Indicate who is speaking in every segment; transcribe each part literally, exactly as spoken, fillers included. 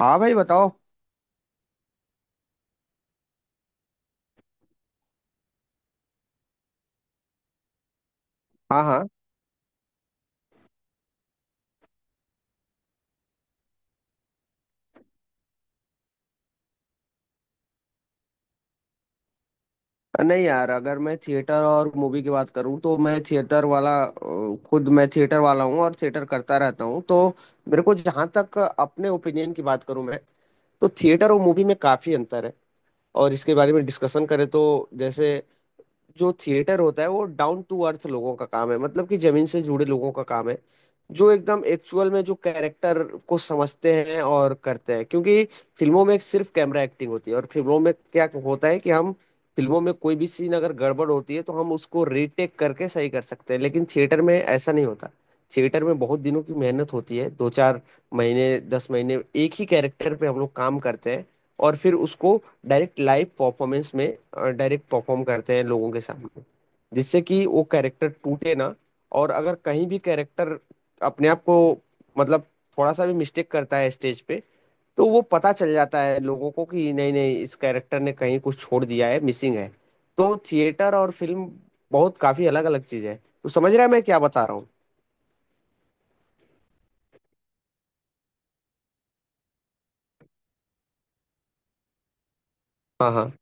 Speaker 1: हाँ भाई, बताओ। हाँ, हाँ। नहीं यार, अगर मैं थिएटर और मूवी की बात करूँ तो मैं थिएटर वाला अ, खुद मैं थिएटर वाला हूँ और थिएटर करता रहता हूँ। तो मेरे को, जहाँ तक अपने ओपिनियन की बात करूँ मैं, तो थिएटर और मूवी में काफी अंतर है। और इसके बारे में डिस्कशन करें तो जैसे जो थिएटर होता है वो डाउन टू अर्थ लोगों का काम है, मतलब कि जमीन से जुड़े लोगों का काम है। जो एकदम एक्चुअल में जो कैरेक्टर को समझते हैं और करते हैं, क्योंकि फिल्मों में सिर्फ कैमरा एक्टिंग होती है। और फिल्मों में क्या होता है कि हम फिल्मों में कोई भी सीन अगर गड़बड़ होती है तो हम उसको रीटेक करके सही कर सकते हैं, लेकिन थिएटर में ऐसा नहीं होता। थिएटर में बहुत दिनों की मेहनत होती है, दो चार महीने, दस महीने एक ही कैरेक्टर पे हम लोग काम करते हैं। और फिर उसको डायरेक्ट लाइव परफॉर्मेंस में डायरेक्ट परफॉर्म करते हैं लोगों के सामने, जिससे कि वो कैरेक्टर टूटे ना। और अगर कहीं भी कैरेक्टर अपने आप को, मतलब, थोड़ा सा भी मिस्टेक करता है स्टेज पे, तो वो पता चल जाता है लोगों को कि नहीं, नहीं, इस कैरेक्टर ने कहीं कुछ छोड़ दिया है, मिसिंग है। तो थिएटर और फिल्म बहुत काफी अलग अलग चीज है। तो समझ रहा है मैं क्या बता रहा हूँ। हाँ, हाँ।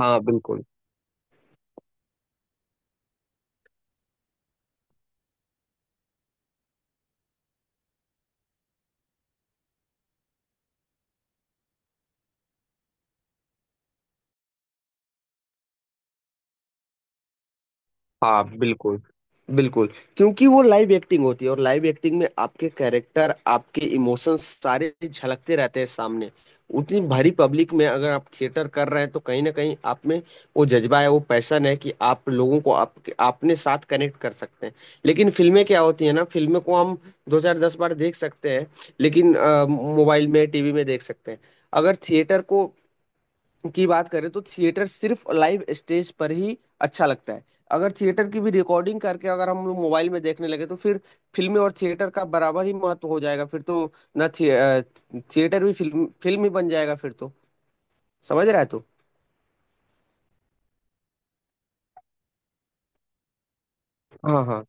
Speaker 1: हाँ, बिल्कुल। हाँ, बिल्कुल बिल्कुल, क्योंकि वो लाइव एक्टिंग होती है, और लाइव एक्टिंग में आपके कैरेक्टर, आपके इमोशंस सारे झलकते रहते हैं सामने। उतनी भरी पब्लिक में अगर आप थिएटर कर रहे हैं तो कहीं ना कहीं आप में वो जज्बा है, वो पैशन है, कि आप लोगों को आप अपने साथ कनेक्ट कर सकते हैं। लेकिन फिल्में क्या होती है ना, फिल्में को हम दो चार दस बार देख सकते हैं, लेकिन अ, मोबाइल में, टीवी में देख सकते हैं। अगर थिएटर को की बात करें तो थिएटर सिर्फ लाइव स्टेज पर ही अच्छा लगता है। अगर थिएटर की भी रिकॉर्डिंग करके अगर हम लोग मोबाइल में देखने लगे तो फिर फिल्में और थिएटर का बराबर ही महत्व हो जाएगा फिर तो। ना थि, अ, थिएटर भी फिल्म फिल्म ही बन जाएगा फिर तो। समझ रहा है तू। हाँ, हाँ,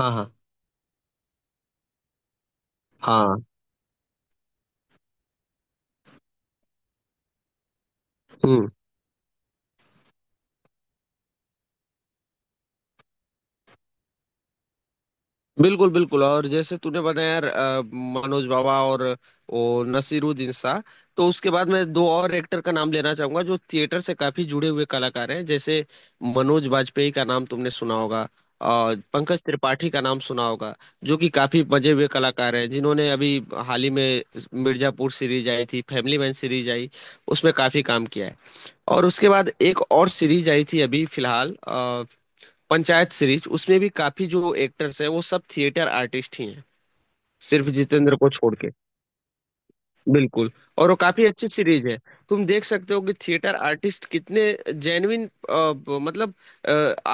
Speaker 1: हाँ, हाँ, हाँ। हम्म। बिल्कुल बिल्कुल, और जैसे तूने बताया यार, अ, मनोज बावा और वो नसीरुद्दीन शाह, तो उसके बाद मैं दो और एक्टर का नाम लेना चाहूंगा जो थिएटर से काफी जुड़े हुए कलाकार हैं, जैसे मनोज बाजपेयी का नाम तुमने सुना होगा, और पंकज त्रिपाठी का नाम सुना होगा। जो कि काफी मजे हुए कलाकार हैं, जिन्होंने अभी हाल ही में मिर्जापुर सीरीज आई थी, फैमिली मैन सीरीज आई, उसमें काफी काम किया है। और उसके बाद एक और सीरीज आई थी अभी फिलहाल, पंचायत सीरीज, उसमें भी काफी जो एक्टर्स हैं वो सब थिएटर आर्टिस्ट ही हैं, सिर्फ जितेंद्र को छोड़ के। बिल्कुल, और वो काफी अच्छी सीरीज है। तुम देख सकते हो कि थिएटर आर्टिस्ट कितने जेन्युइन, मतलब,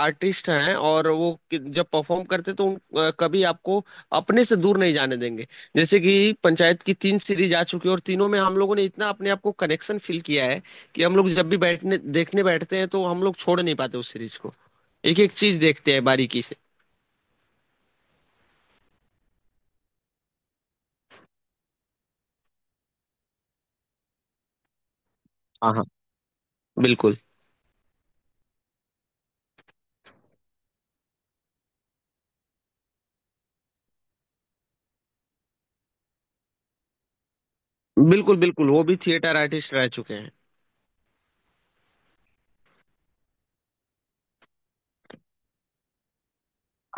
Speaker 1: आर्टिस्ट हैं। और वो कि- जब परफॉर्म करते तो उन- अ, कभी आपको अपने से दूर नहीं जाने देंगे। जैसे कि पंचायत की तीन सीरीज आ चुकी है, और तीनों में हम लोगों ने इतना अपने आप को कनेक्शन फील किया है कि हम लोग जब भी बैठने देखने बैठते हैं तो हम लोग छोड़ नहीं पाते उस सीरीज को। एक एक चीज देखते हैं बारीकी से। बिल्कुल। बिल्कुल बिल्कुल, वो भी थिएटर आर्टिस्ट रह चुके हैं।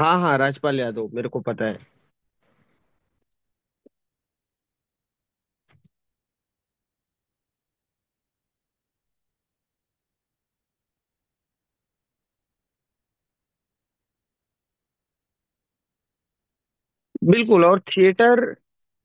Speaker 1: हाँ, हाँ, राजपाल यादव मेरे को पता है। बिल्कुल, और थिएटर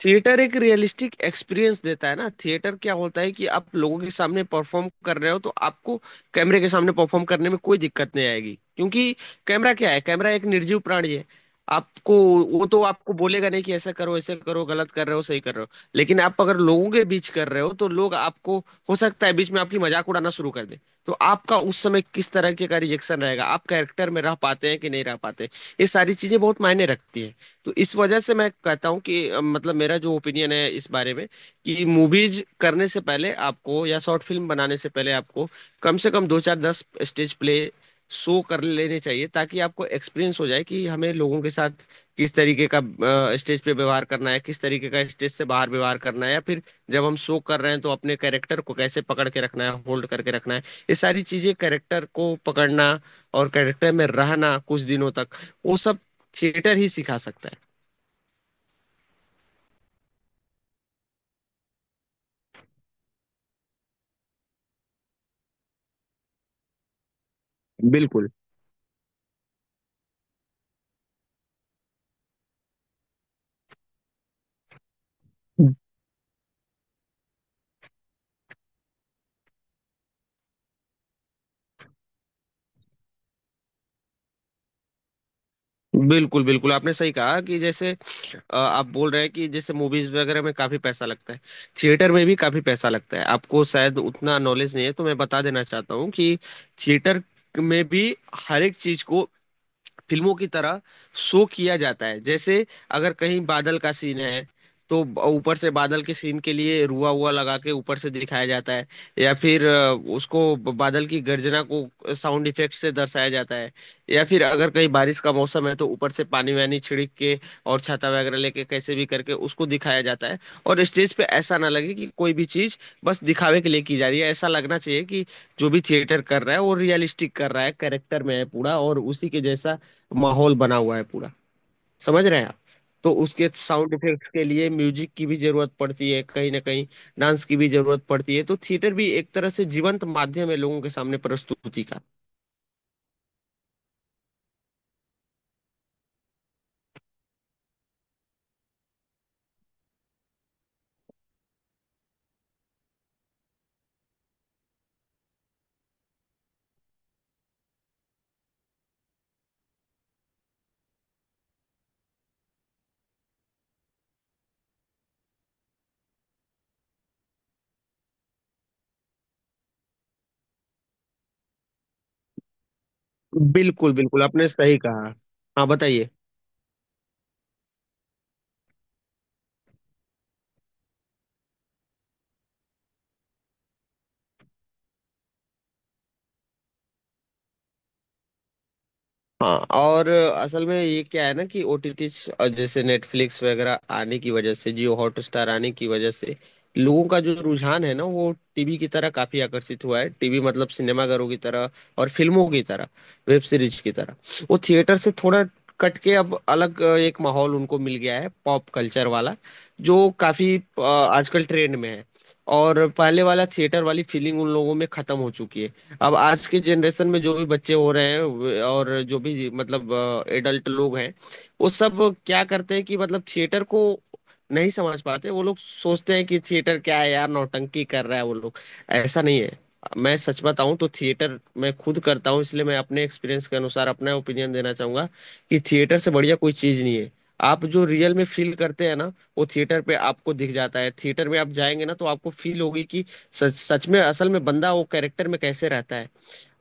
Speaker 1: थिएटर एक रियलिस्टिक एक्सपीरियंस देता है ना। थिएटर क्या होता है कि आप लोगों के सामने परफॉर्म कर रहे हो तो आपको कैमरे के सामने परफॉर्म करने में कोई दिक्कत नहीं आएगी, क्योंकि कैमरा क्या है, कैमरा एक निर्जीव प्राणी है। आपको वो तो आपको बोलेगा नहीं कि ऐसा करो, ऐसा करो, गलत कर रहे हो, सही कर रहे हो। लेकिन आप अगर लोगों के बीच कर रहे हो तो लोग आपको, हो सकता है बीच में आपकी मजाक उड़ाना शुरू कर दे, तो आपका उस समय किस तरह के का रिएक्शन रहेगा, आप कैरेक्टर में रह पाते हैं कि नहीं रह पाते। ये सारी चीजें बहुत मायने रखती है। तो इस वजह से मैं कहता हूँ कि अ, मतलब मेरा जो ओपिनियन है इस बारे में, कि मूवीज करने से पहले आपको, या शॉर्ट फिल्म बनाने से पहले आपको कम से कम दो चार दस स्टेज प्ले शो कर लेने चाहिए, ताकि आपको एक्सपीरियंस हो जाए कि हमें लोगों के साथ किस तरीके का स्टेज पे व्यवहार करना है, किस तरीके का स्टेज से बाहर व्यवहार करना है, या फिर जब हम शो कर रहे हैं तो अपने कैरेक्टर को कैसे पकड़ के रखना है, होल्ड करके रखना है। ये सारी चीजें, कैरेक्टर को पकड़ना और कैरेक्टर में रहना कुछ दिनों तक, वो सब थिएटर ही सिखा सकता है। बिल्कुल बिल्कुल बिल्कुल, आपने सही कहा। कि जैसे अ, आप बोल रहे हैं कि जैसे मूवीज वगैरह में काफी पैसा लगता है, थिएटर में भी काफी पैसा लगता है, आपको शायद उतना नॉलेज नहीं है तो मैं बता देना चाहता हूँ कि थिएटर में भी हर एक चीज को फिल्मों की तरह शो किया जाता है। जैसे अगर कहीं बादल का सीन है तो ब- ऊपर से बादल के सीन के लिए रुआ हुआ लगा के ऊपर से दिखाया जाता है। या फिर अ, उसको ब- बादल की गर्जना को साउंड इफेक्ट से दर्शाया जाता है। या फिर अगर कहीं बारिश का मौसम है तो ऊपर से पानी वानी छिड़क के और छाता वगैरह लेके कैसे भी करके उसको दिखाया जाता है। और स्टेज पे ऐसा ना लगे कि कोई भी चीज बस दिखावे के लिए की जा रही है, ऐसा लगना चाहिए कि जो भी थिएटर कर रहा है वो रियलिस्टिक कर रहा है, कैरेक्टर में है पूरा, और उसी के जैसा माहौल बना हुआ है पूरा। समझ रहे हैं आप। तो उसके साउंड इफेक्ट्स के लिए म्यूजिक की भी जरूरत पड़ती है कहीं ना कहीं, डांस की भी जरूरत पड़ती है। तो थिएटर भी एक तरह से जीवंत माध्यम है लोगों के सामने प्रस्तुति का। बिल्कुल बिल्कुल, आपने सही कहा। हाँ, बताइए। हाँ, और असल में ये क्या है ना कि ओटीटी जैसे नेटफ्लिक्स वगैरह आने की वजह से, जियो हॉटस्टार आने की वजह से, लोगों का जो रुझान है ना वो टीवी की तरह काफी आकर्षित हुआ है। टीवी मतलब सिनेमाघरों की तरह, और फिल्मों की तरह, वेब सीरीज की तरह। वो थिएटर से थोड़ा कट के अब अलग, अ, एक माहौल उनको मिल गया है, पॉप कल्चर वाला, जो काफी अ, आजकल ट्रेंड में है। और पहले वाला थिएटर वाली फीलिंग उन लोगों में खत्म हो चुकी है। अब आज के जनरेशन में जो भी बच्चे हो रहे हैं, वे- और जो भी मतलब एडल्ट लोग हैं, वो सब क्या करते हैं कि मतलब थिएटर को नहीं समझ पाते। वो लोग सोचते हैं कि थिएटर क्या है यार, नौटंकी कर रहा है वो लोग। ऐसा नहीं है। मैं सच बताऊं तो थिएटर मैं खुद करता हूं, इसलिए मैं अपने एक्सपीरियंस के अनुसार अपना ओपिनियन देना चाहूंगा कि थिएटर से बढ़िया कोई चीज नहीं है। आप जो रियल में फील करते हैं ना, वो थिएटर पे आपको दिख जाता है। थिएटर में आप जाएंगे ना तो आपको फील होगी कि सच सच में, असल में बंदा वो कैरेक्टर में कैसे रहता है।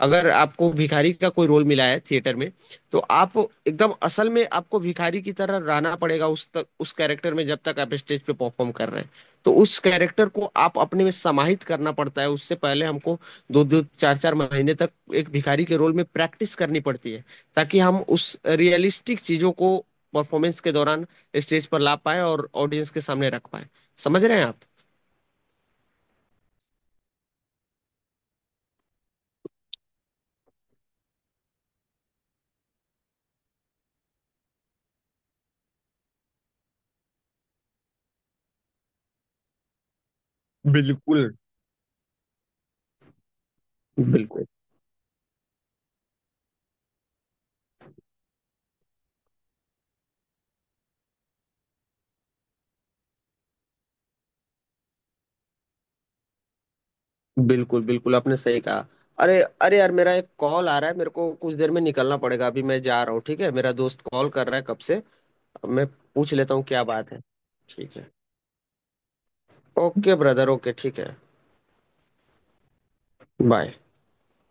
Speaker 1: अगर आपको भिखारी का कोई रोल मिला है थिएटर में, तो आप एकदम असल में आपको भिखारी की तरह रहना पड़ेगा, उस तक उस कैरेक्टर में जब तक आप स्टेज पे परफॉर्म कर रहे हैं। तो उस कैरेक्टर को आप अपने में समाहित करना पड़ता है, उससे पहले हमको दो दो चार चार महीने तक एक भिखारी के रोल में प्रैक्टिस करनी पड़ती है, ताकि हम उस रियलिस्टिक चीजों को परफॉर्मेंस के दौरान स्टेज पर ला पाए और ऑडियंस के सामने रख पाए। समझ रहे हैं आप। बिल्कुल बिल्कुल। बिल्कुल बिल्कुल, आपने सही कहा। अरे, अरे यार, मेरा एक कॉल आ रहा है, मेरे को कुछ देर में निकलना पड़ेगा, अभी मैं जा रहा हूँ, ठीक है। मेरा दोस्त कॉल कर रहा है कब से। अब मैं पूछ लेता हूँ क्या बात है। ठीक है। ओके ब्रदर, ओके, ठीक है। बाय।